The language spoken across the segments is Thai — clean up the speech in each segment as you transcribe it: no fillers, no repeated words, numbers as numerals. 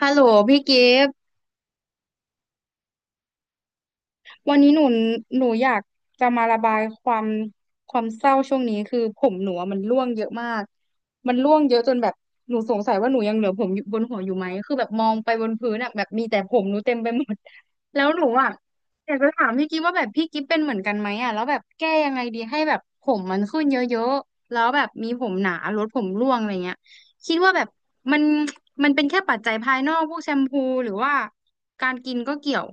ฮัลโหลพี่กิฟต์วันนี้หนูอยากจะมาระบายความเศร้าช่วงนี้คือผมหนูอะมันร่วงเยอะมากมันร่วงเยอะจนแบบหนูสงสัยว่าหนูยังเหลือผมอยู่บนหัวอยู่ไหมคือแบบมองไปบนพื้นอ่ะแบบมีแต่ผมหนูเต็มไปหมด แล้วหนูอ่ะอยากจะถามพี่กิฟต์ว่าแบบพี่กิฟต์เป็นเหมือนกันไหมอ่ะแล้วแบบแก้ยังไงดีให้แบบผมมันขึ้นเยอะๆแล้วแบบมีผมหนาลดผมร่วงอะไรเงี้ยคิดว่าแบบมันมันเป็นแค่ปัจจัยภายนอกพวกแชมพูหรือว่าการกินก็เกี่ยว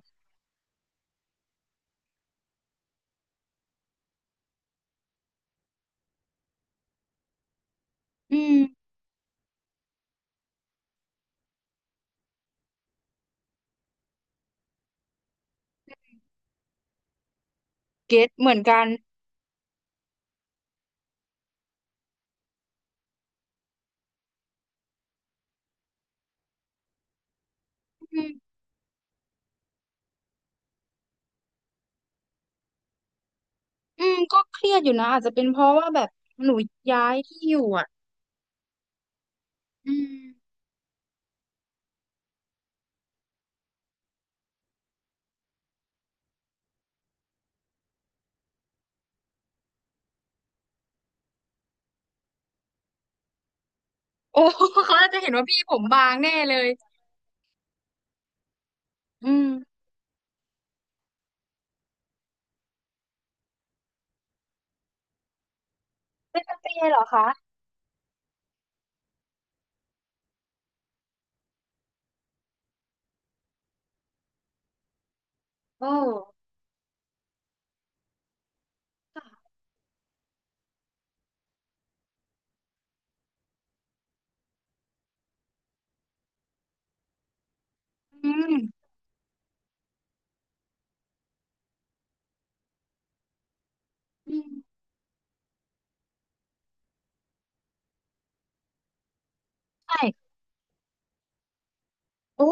อืมเก็ตเหมือนกันอืมอืมก็เครียดอยู่นะอาจจะเป็นเพราะว่าแบบหนูย้ายที่อยู่อ่ะอืมโอ้ เขาอาจจะเห็นว่าพี่ผมบางแน่เลยอืมเป็นสเปรย์เหรอคะโอ้ค่ะอืมอืมใช่โอ้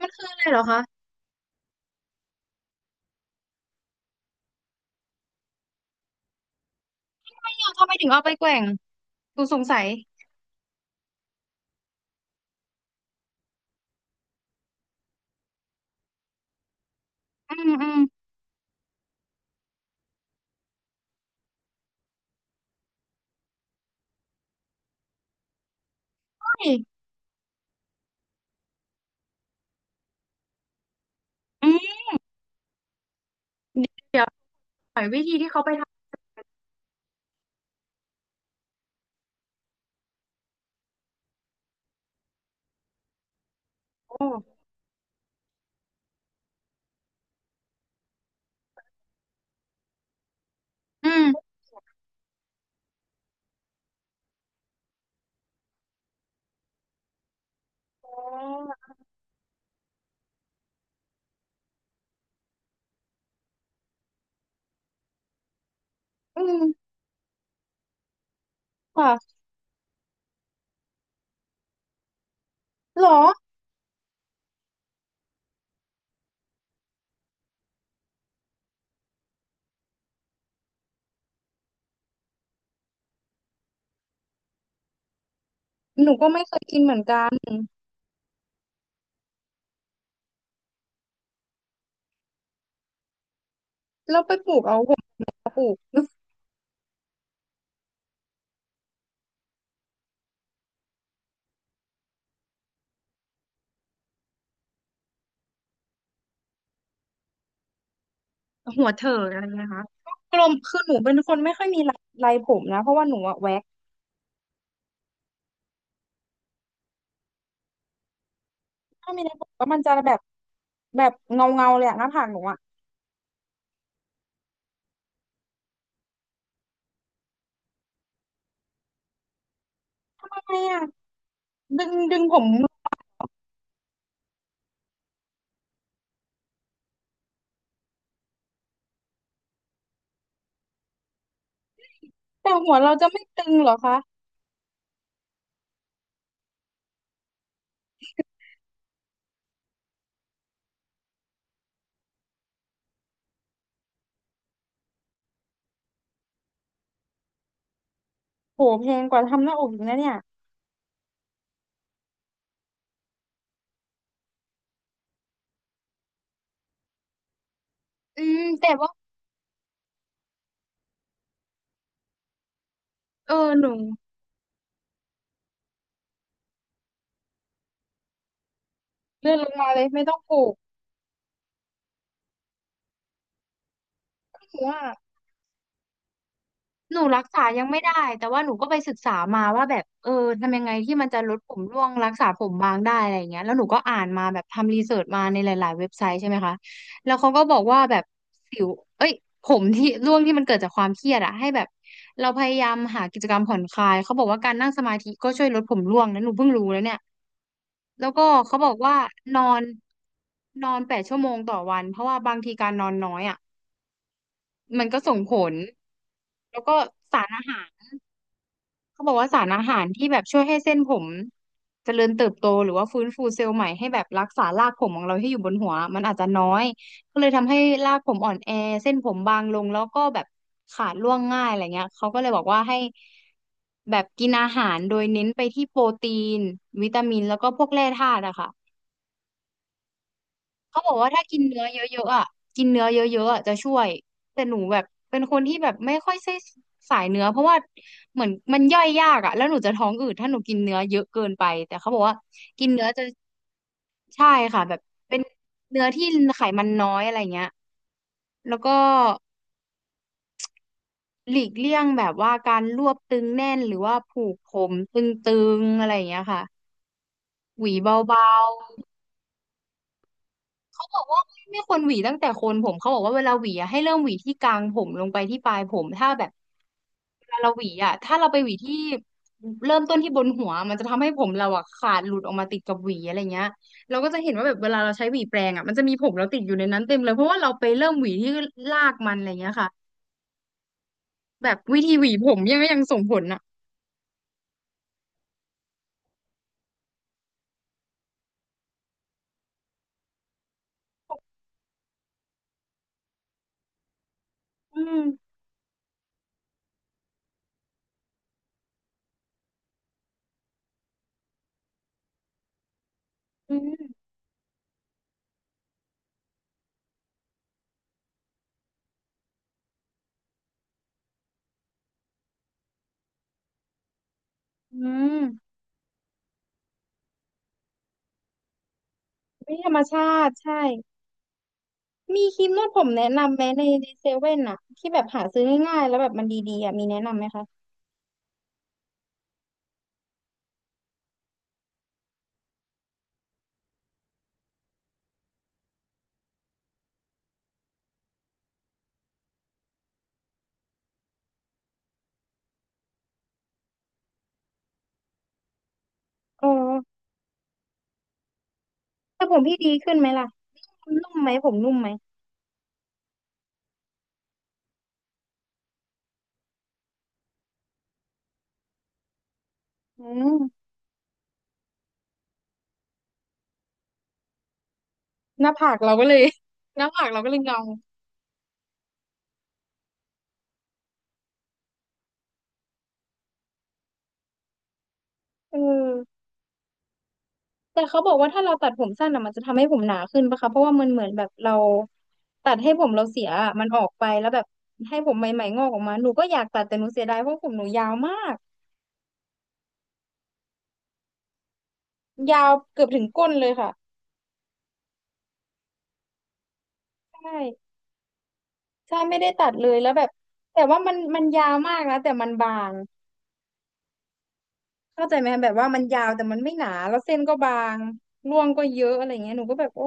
มันคืออะไรเหรอคะไม่เอาทำไมถึงเอาไปแกว่งหนูสงสัยอืมอืมใช่อืมเดี๋ยวหน่อยวิธีที่เขาไปทำโอ้อืมอืมค่ะหรอหนูก็ไม่เคยกินเหมือนกันแล้วไปปลูกเอา ปลูกหัวเถิกอะไรนงคะกลมคือหนูเป็นคนไม่ค่อยมีลายผมนะเพราะว่าหนูอะแว็กถ้ามีลายผมก็มันจะแบบแบบเงาเงาเลยอะหน้าผากหนูอะทำไมอะดึงผมแต่หัวเราจะไม่ตึงเหรอคะโหแพงกว่าทำหน้าอกอีกนะเนี่ยอืมแต่ว่าเออหนูเลื่อนลงมาเลยไม่ต้องปลูกหัว หนูรักษายังไม่ได้แต่ว่าหนูก็ไปศึกษามาว่าแบบเออทำยังไงที่มันจะลดผมร่วงรักษาผมบางได้อะไรอย่างเงี้ยแล้วหนูก็อ่านมาแบบทำรีเสิร์ชมาในหลาย ๆ เว็บไซต์ใช่ไหมคะแล้วเขาก็บอกว่าแบบสิวเอ้ยผมที่ร่วงที่มันเกิดจากความเครียดอะให้แบบเราพยายามหากิจกรรมผ่อนคลายเขาบอกว่าการนั่งสมาธิก็ช่วยลดผมร่วงนะหนูเพิ่งรู้แล้วเนี่ยแล้วก็เขาบอกว่านอนนอน8 ชั่วโมงต่อวันเพราะว่าบางทีการนอนน้อยอ่ะมันก็ส่งผลแล้วก็สารอาหาร เขาบอกว่าสารอาหารที่แบบช่วยให้เส้นผมเจริญเติบโตหรือว่าฟื้นฟูเซลล์ใหม่ให้แบบรักษารากผมของเราที่อยู่บนหัวมันอาจจะน้อยก็เลยทำให้รากผมอ่อนแอเส้นผมบางลงแล้วก็แบบขาดร่วงง่ายอะไรเงี้ยเขาก็เลยบอกว่าให้แบบกินอาหารโดยเน้นไปที่โปรตีนวิตามินแล้วก็พวกแร่ธาตุอะค่ะ เขาบอกว่าถ้ากินเนื้อเยอะๆอ่ะกินเนื้อเยอะๆอ่ะจะช่วยแต่หนูแบบเป็นคนที่แบบไม่ค่อยใช่สายเนื้อเพราะว่าเหมือนมันย่อยยากอ่ะแล้วหนูจะท้องอืดถ้าหนูกินเนื้อเยอะเกินไปแต่เขาบอกว่ากินเนื้อจะใช่ค่ะแบบเป็นเนื้อที่ไขมันน้อยอะไรเงี้ยแล้วก็หลีกเลี่ยงแบบว่าการรวบตึงแน่นหรือว่าผูกผมตึงๆอะไรอย่างเงี้ยค่ะหวีเบา เขาบอกว่าไม่ควรหวีตั้งแต่โคนผมเขาบอกว่าเวลาหวีอะให้เริ่มหวีที่กลางผมลงไปที่ปลายผมถ้าแบบเวลาเราหวีอะถ้าเราไปหวีที่เริ่มต้นที่บนหัวมันจะทำให้ผมเราอะขาดหลุดออกมาติดกับหวีอะไรเงี้ยเราก็จะเห็นว่าแบบเวลาเราใช้หวีแปรงอะมันจะมีผมเราติดอยู่ในนั้นเต็มเลยเพราะว่าเราไปเริ่มหวีที่รากมันอะไรเงี้ยค่ะแบบวิธีหวีผมยังส่งผลอะอืมอืมอืมไม่ธรรมชาติใช่ มีครีมนวดผมแนะนำไหมในในเซเว่นอะที่แบบหาซื้อง่ายๆแล้วแบบมันดีๆอะมีแนะนำไหมคะอ๋อแต่ผมพี่ดีขึ้นไหมล่ะนุ่มไหมผมนุ่มไหมอืมหน้าผากเราก็เลย หน้าผากเราก็เลยเงาเออแต่เขาบอกว่าถ้าเราตัดผมสั้นอะมันจะทำให้ผมหนาขึ้นปะคะเพราะว่ามันเหมือนแบบเราตัดให้ผมเราเสียอะมันออกไปแล้วแบบให้ผมใหม่ๆงอกออกมาหนูก็อยากตัดแต่หนูเสียดายเพราะผมหนูยาวมากยาวเกือบถึงก้นเลยค่ะใช่ ไม่ได้ตัดเลยแล้วแบบแต่ว่ามันยาวมากนะแต่มันบางเข้าใจไหมแบบว่ามันยาวแต่มันไม่หนาแล้วเส้นก็บางร่วงก็เยอะอะไรเงี้ยหนูก็แบบโอ้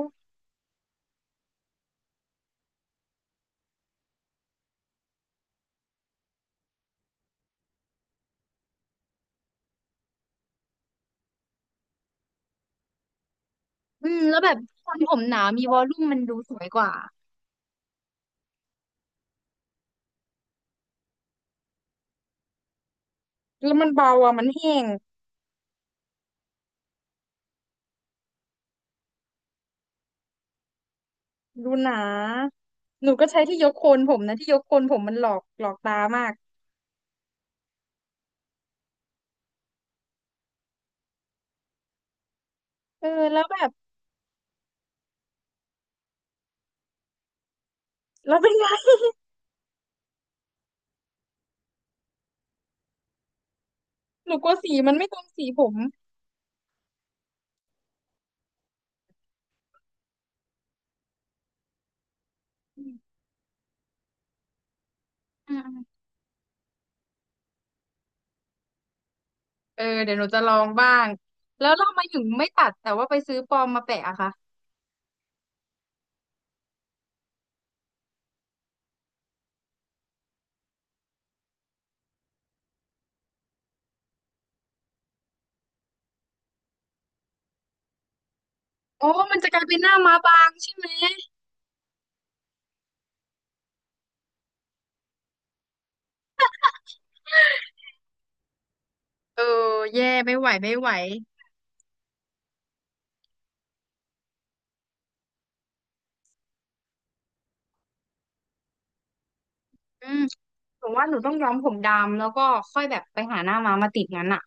อืมแล้วแบบทำผมหนามีวอลลุ่มมันดูสวยกว่าแล้วมันเบาอ่ะมันแห้งดูหนาหนูก็ใช้ที่ยกโคนผมนะที่ยกโคนผมมันหลอกตามากเออแล้วแบบแล้วเป็นไง หนูกลัวสีมันไม่ตรงสีผมอืมอืมอืมเออเดี๋ยวหนูจะลองบ้างแล้วเรามาอยู่ไม่ตัดแต่ว่าไปซื้อปลอมมาแปะอะค่ะ โอ้มันจะกลายเป็นหน้าม้าบางใช่ไหมเออแย่ไม่ไหวไม่ไหว อืมถึงว่าหนูต้องย้อมผมดำแล้วก็ค่อยแบบไปหาหน้าม้ามาติดงั้นอ่ะ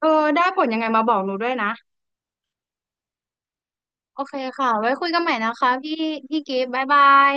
เออได้ผลยังไงมาบอกหนูด้วยนะ โอเคค่ะ ไว้คุยกันใหม่นะคะพี่พี่กิฟต์บ๊ายบาย